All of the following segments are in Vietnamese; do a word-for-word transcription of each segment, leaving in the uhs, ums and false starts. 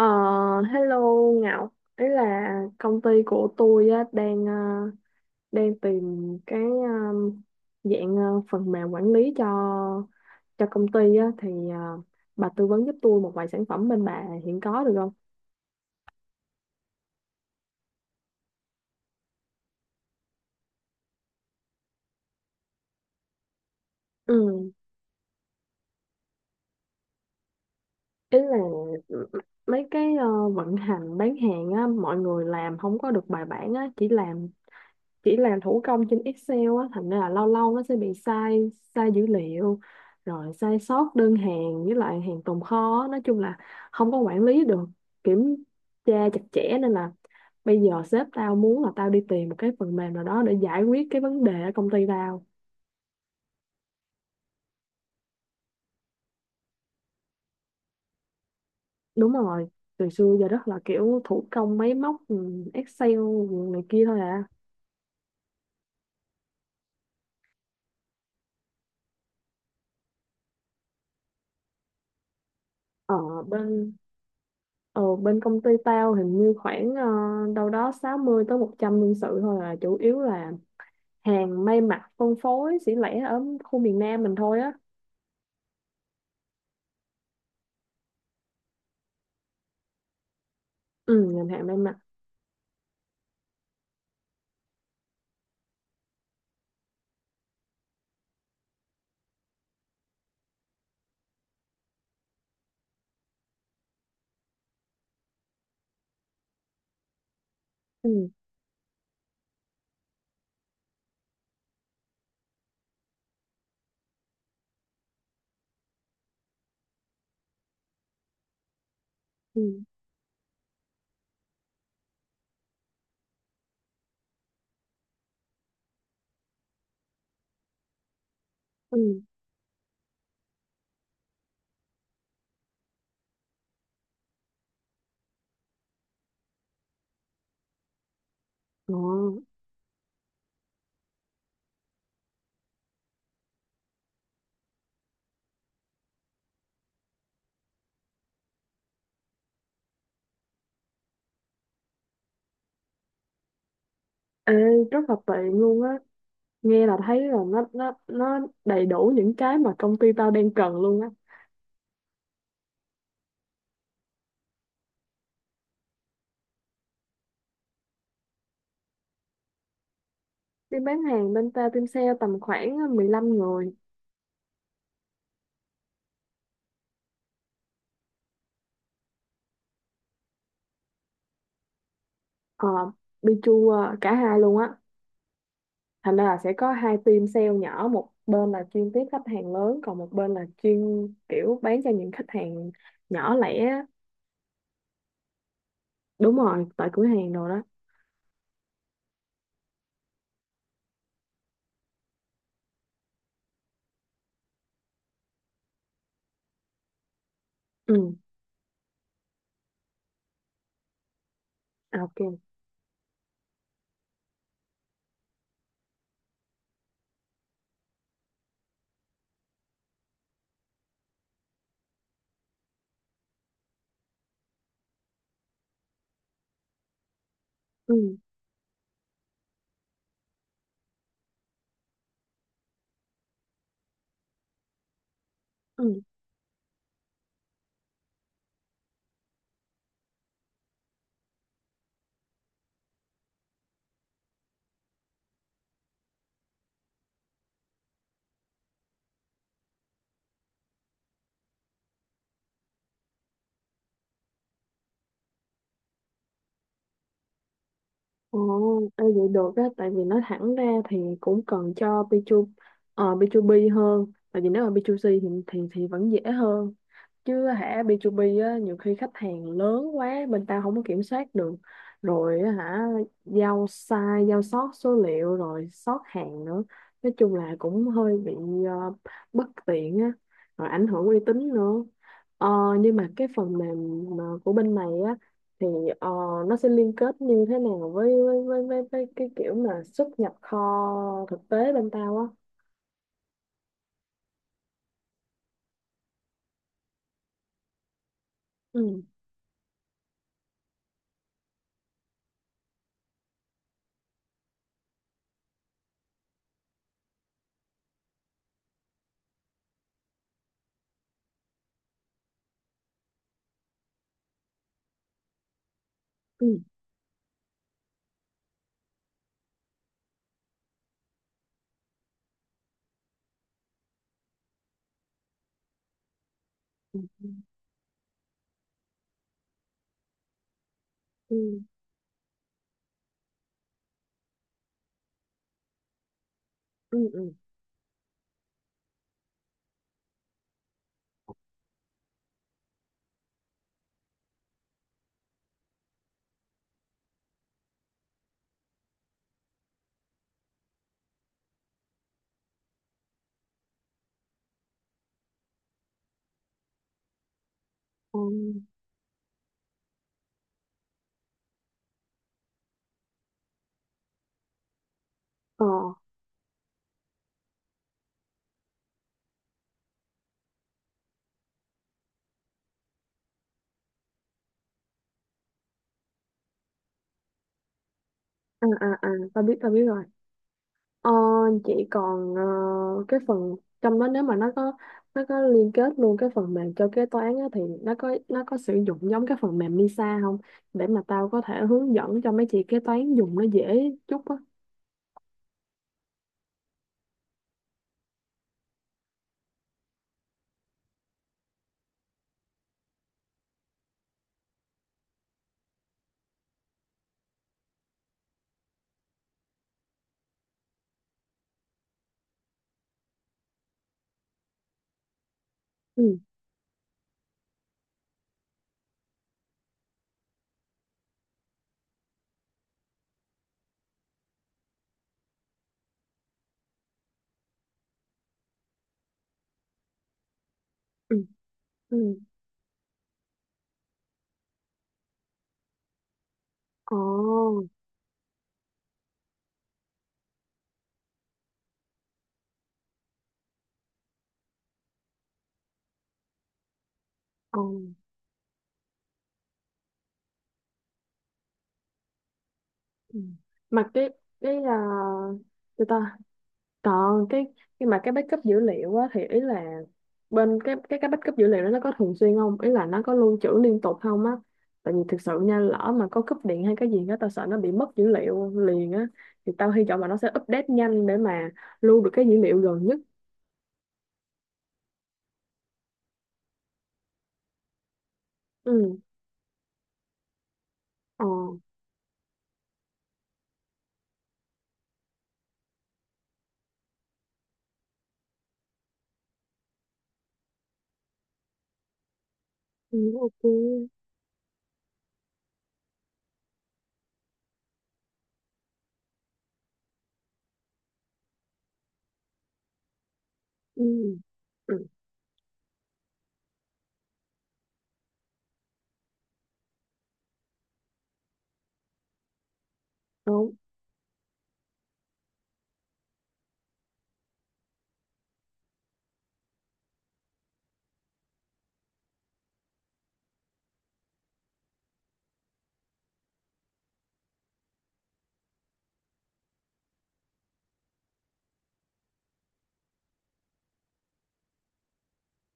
Ờ, hello Ngọc. Ý là công ty của tôi á, đang ờ, đang tìm cái ờ, dạng ờ, phần mềm quản lý cho cho công ty á, thì ờ, bà tư vấn giúp tôi một vài sản phẩm bên bà hiện có được không? Ừ, ý là m- mấy cái ờ, vận hành bán hàng á, mọi người làm không có được bài bản á, chỉ làm chỉ làm thủ công trên Excel á, thành ra là lâu lâu nó sẽ bị sai sai dữ liệu rồi sai sót đơn hàng với lại hàng tồn kho á. Nói chung là không có quản lý được, kiểm tra chặt chẽ, nên là bây giờ sếp tao muốn là tao đi tìm một cái phần mềm nào đó để giải quyết cái vấn đề ở công ty tao. Đúng rồi, từ xưa giờ rất là kiểu thủ công máy móc, ừ, Excel này kia thôi à. ở bên Ở bên công ty tao hình như khoảng ờ, đâu đó sáu mươi tới một trăm nhân sự thôi à, chủ yếu là hàng may mặc phân phối xỉ lẻ ở khu miền Nam mình thôi á. Ừ, ngành hàng may mặc. Ừ. Ừ. Ừ. Ồ. Ê, rất là tiện luôn á, nghe là thấy là nó nó nó đầy đủ những cái mà công ty tao đang cần luôn á. Team bán hàng bên tao, team sale tầm khoảng ờ, mười lăm người. Ờ, đi chu ờ, cả hai luôn á, thành ra là sẽ có hai team sale nhỏ, một bên là chuyên tiếp khách hàng lớn, còn một bên là chuyên kiểu bán cho những khách hàng nhỏ lẻ á. Đúng rồi, tại cửa hàng rồi đó. Ừ. À, ok. Ừ. Ừ. Ồ. Ê, vậy được á, tại vì nói thẳng ra thì cũng cần cho bê hai ờ, bê hai bê hơn, tại vì nếu mà bê hai xê thì thì thì vẫn dễ hơn chứ hả, bê hai bê á nhiều khi khách hàng lớn quá bên tao không có kiểm soát được rồi á hả, giao sai giao sót số liệu rồi sót hàng nữa, nói chung là cũng hơi bị ờ, bất tiện á, rồi ảnh hưởng uy tín nữa. Ờ, nhưng mà cái phần mềm mà của bên này thì ờ, nó sẽ liên kết như thế nào với với với với, với cái kiểu mà xuất nhập kho thực tế bên tao á. Ừ. Ừ. Ừ. Ừ. Ừ. Ừ. Ừ. Ờ. ờ, à à à tao biết, tao biết rồi. Ờ, chị còn ờ, cái phần trong đó, nếu mà nó có nó có liên kết luôn cái phần mềm cho kế toán á, thì nó có nó có sử dụng giống cái phần mềm Lisa không, để mà tao có thể hướng dẫn cho mấy chị kế toán dùng nó dễ chút á. Ừ. Ừ. Ừ. Ồ. Ồ. Ừ. mà cái cái à, người ta còn cái Nhưng mà cái backup dữ liệu á, thì ý là bên cái cái cái backup dữ liệu đó nó có thường xuyên không, ý là nó có lưu trữ liên tục không á, tại vì thực sự nha, lỡ mà có cúp điện hay cái gì đó tao sợ nó bị mất dữ liệu liền á, thì tao hy vọng là nó sẽ update nhanh để mà lưu được cái dữ liệu gần nhất. Ừ. Ờ. Ừ, ok. Ừ. Ừ. Đúng.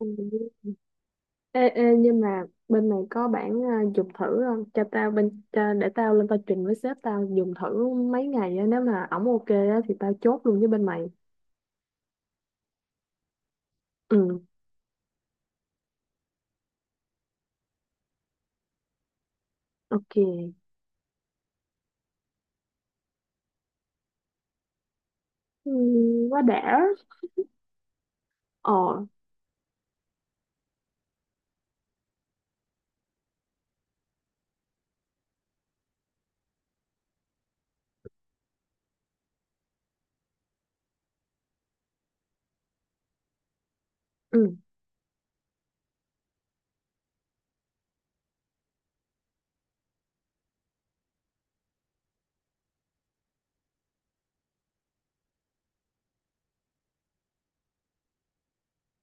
Ừ. Ê, ê, nhưng mà bên này có bản à, dùng thử không? Cho tao bên cho, Để tao lên tao trình với sếp tao dùng thử mấy ngày á, nếu mà ổng ok á thì tao chốt luôn với bên mày. Ừ, ok. Ừ, quá đã. Ờ. Ừ.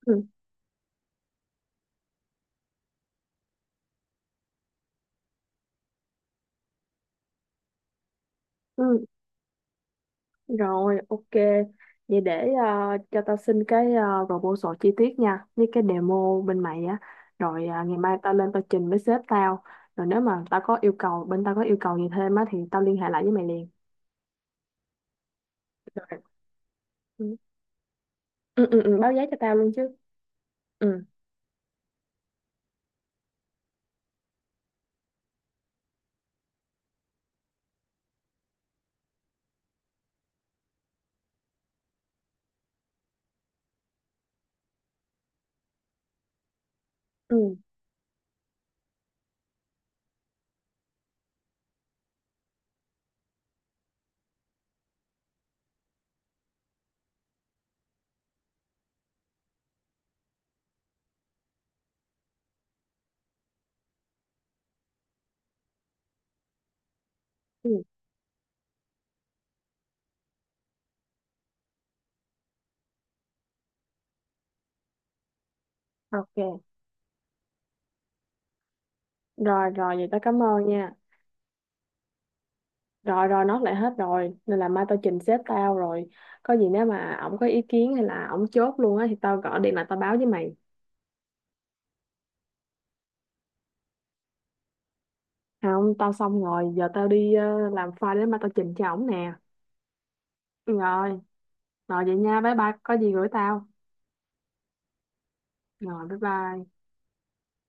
Ừ. Ừ. Rồi, ok. Vậy để à, cho tao xin cái uh, proposal chi tiết nha, với cái demo bên mày á. Rồi à, ngày mai tao lên tao trình với sếp tao. Rồi nếu mà tao có yêu cầu, bên tao có yêu cầu gì thêm á thì tao liên hệ lại với mày liền. Rồi. Ừ, ừ, ừ, báo giá cho tao luôn chứ. Ừ. Ừ. Ừ. Ok. Rồi rồi, vậy tao cảm ơn nha. Rồi rồi, nó lại hết rồi nên là mai tao trình sếp tao rồi, có gì nếu mà ổng có ý kiến hay là ổng chốt luôn á thì tao gọi điện lại tao báo với mày. À, không, tao xong rồi, giờ tao đi ờ, làm file để mai tao trình cho ổng nè. Rồi. Rồi, vậy nha, bye bye, có gì gửi tao. Rồi, bye bye.